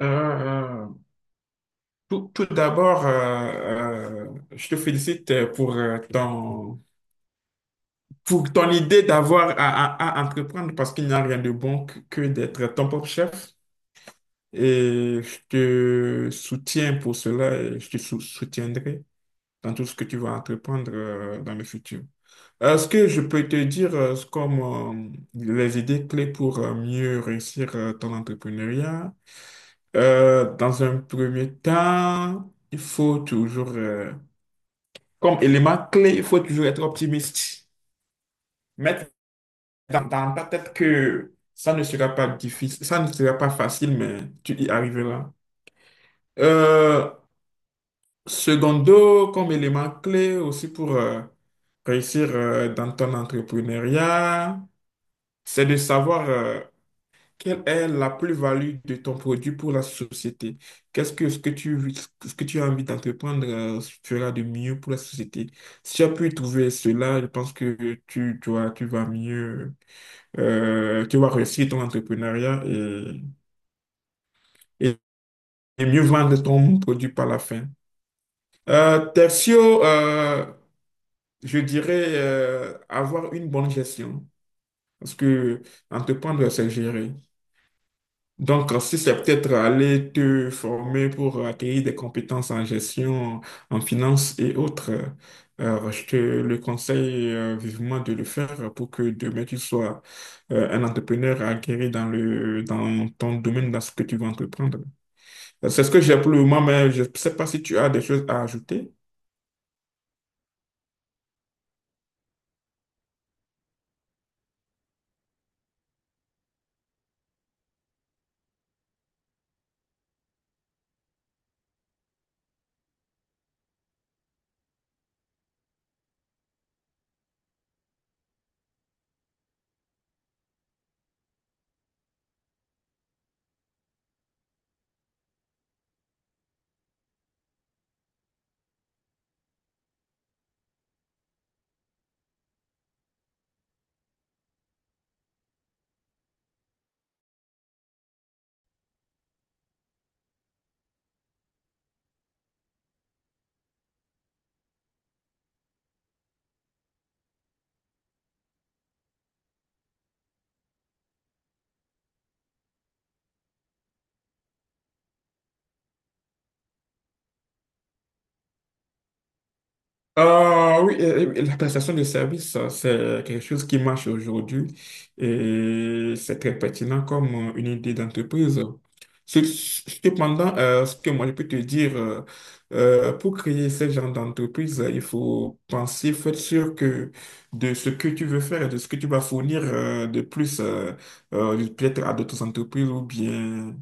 Euh, euh, tout d'abord, je te félicite pour pour ton idée d'avoir à entreprendre parce qu'il n'y a rien de bon que d'être ton propre chef. Et je te soutiens pour cela et je te soutiendrai dans tout ce que tu vas entreprendre dans le futur. Est-ce que je peux te dire comme euh, les idées clés pour mieux réussir ton entrepreneuriat? Dans un premier temps, il faut toujours, comme élément clé, il faut toujours être optimiste. Mettre dans ta tête que ça ne sera pas difficile, ça ne sera pas facile, mais tu y arriveras. Euh, Secondo, comme élément clé aussi pour réussir dans ton entrepreneuriat, c'est de savoir quelle est la plus-value de ton produit pour la société? Qu'est-ce que ce que tu as envie d'entreprendre fera de mieux pour la société? Si tu as pu trouver cela, je pense que tu vas mieux, tu vas réussir ton entrepreneuriat et- et mieux vendre ton produit par la fin. Tertio, je dirais avoir une bonne gestion parce que entreprendre, c'est gérer. Donc, si c'est peut-être aller te former pour acquérir des compétences en gestion, en finance et autres, je te le conseille vivement de le faire pour que demain tu sois un entrepreneur acquérir dans dans ton domaine, dans ce que tu veux entreprendre. C'est ce que j'ai pour le moment, mais je ne sais pas si tu as des choses à ajouter. Ah oui, la prestation de service, c'est quelque chose qui marche aujourd'hui et c'est très pertinent comme une idée d'entreprise. Cependant, ce que moi je peux te dire, pour créer ce genre d'entreprise, il faut penser, faire sûr que de ce que tu veux faire, et de ce que tu vas fournir de plus, peut-être à d'autres entreprises ou bien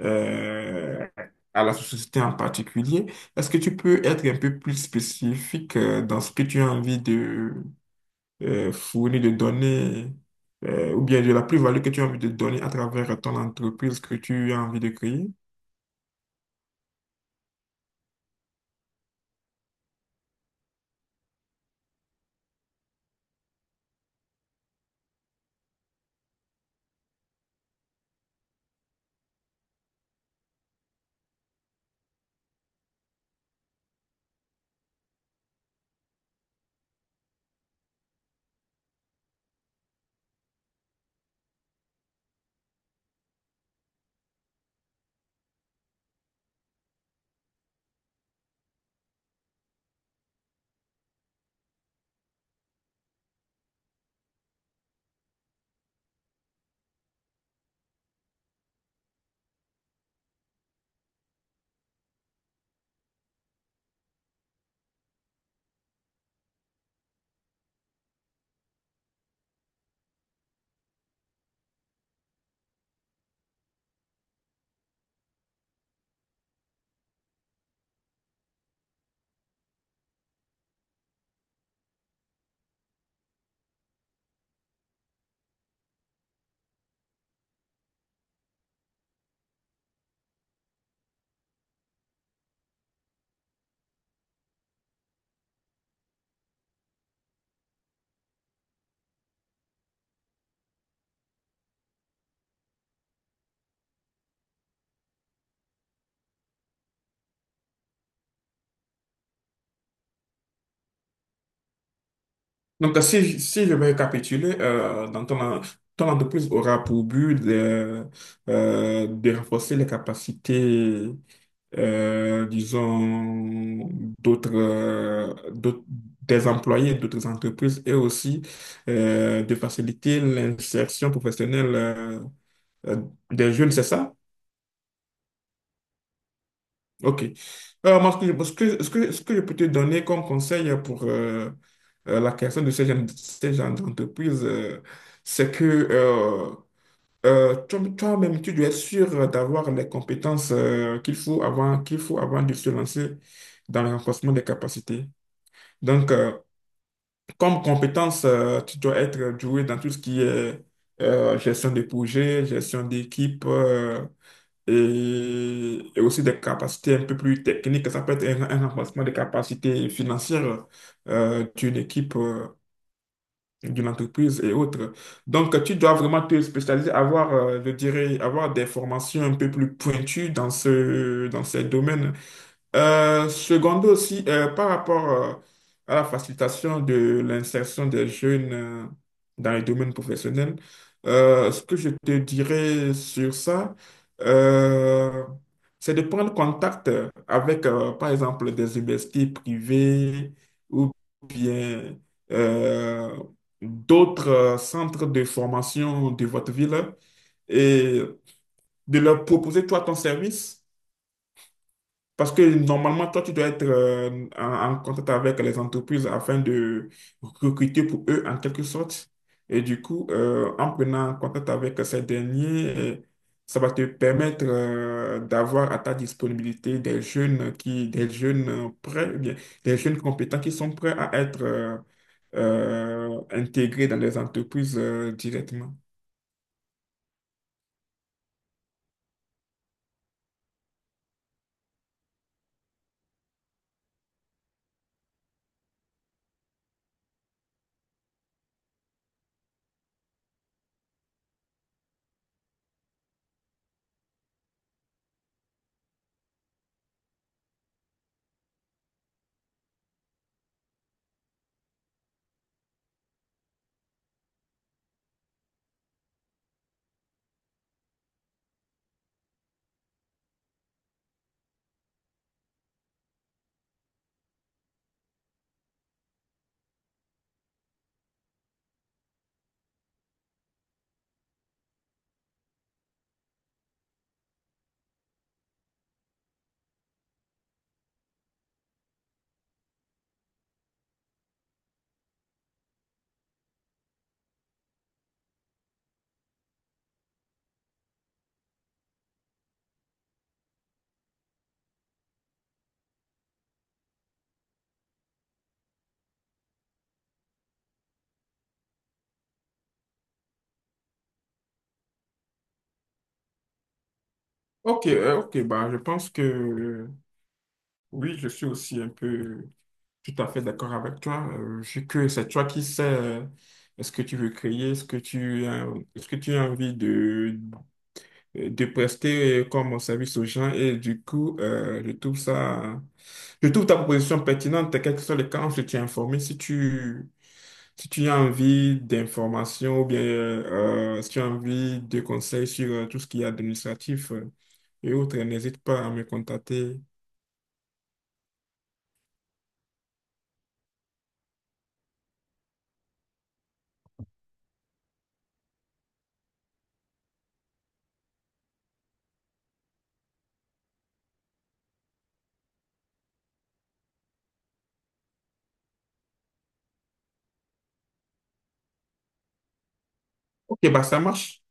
euh, à la société en particulier. Est-ce que tu peux être un peu plus spécifique dans ce que tu as envie de fournir, de donner, ou bien de la plus-value que tu as envie de donner à travers ton entreprise que tu as envie de créer? Donc, si je vais récapituler, ton entreprise aura pour but de renforcer les capacités disons, d'autres, euh, d'aut- des employés d'autres entreprises et aussi de faciliter l'insertion professionnelle euh, des jeunes, c'est ça? OK. Alors, moi, ce que je peux te donner comme conseil pour la création de ces genre d'entreprise, c'est que toi-même, tu dois être sûr d'avoir les compétences qu'il faut avant de se lancer dans le renforcement des capacités. Donc, comme compétence, tu dois être doué dans tout ce qui est gestion de projet, gestion d'équipe et aussi des capacités un peu plus techniques. Ça peut être un renforcement des capacités financières d'une équipe, d'une entreprise et autres. Donc, tu dois vraiment te spécialiser, avoir, je dirais, avoir des formations un peu plus pointues dans dans ces domaines. Secondo aussi, par rapport à la facilitation de l'insertion des jeunes dans les domaines professionnels, ce que je te dirais sur ça, euh, c'est de prendre contact avec, par exemple, des universités privées ou bien euh, d'autres centres de formation de votre ville et de leur proposer, toi, ton service parce que normalement, toi, tu dois être en contact avec les entreprises afin de recruter pour eux en quelque sorte. Et du coup, en prenant contact avec ces derniers, ça va te permettre d'avoir à ta disponibilité des jeunes prêts, ou bien, des jeunes compétents qui sont prêts à être intégrés dans les entreprises directement. Ok, ok, bah, je pense que oui, je suis aussi un peu tout à fait d'accord avec toi. Vu que c'est toi qui sais ce que tu veux créer, ce que tu as envie de prester comme service aux gens. Et du coup, je trouve ta proposition pertinente, quel que soit le cas, on se tient informé. Si tu as envie d'informations ou bien si tu as envie de conseils sur tout ce qui est administratif, et autres, n'hésite pas à me contacter. Ok, bah ça marche.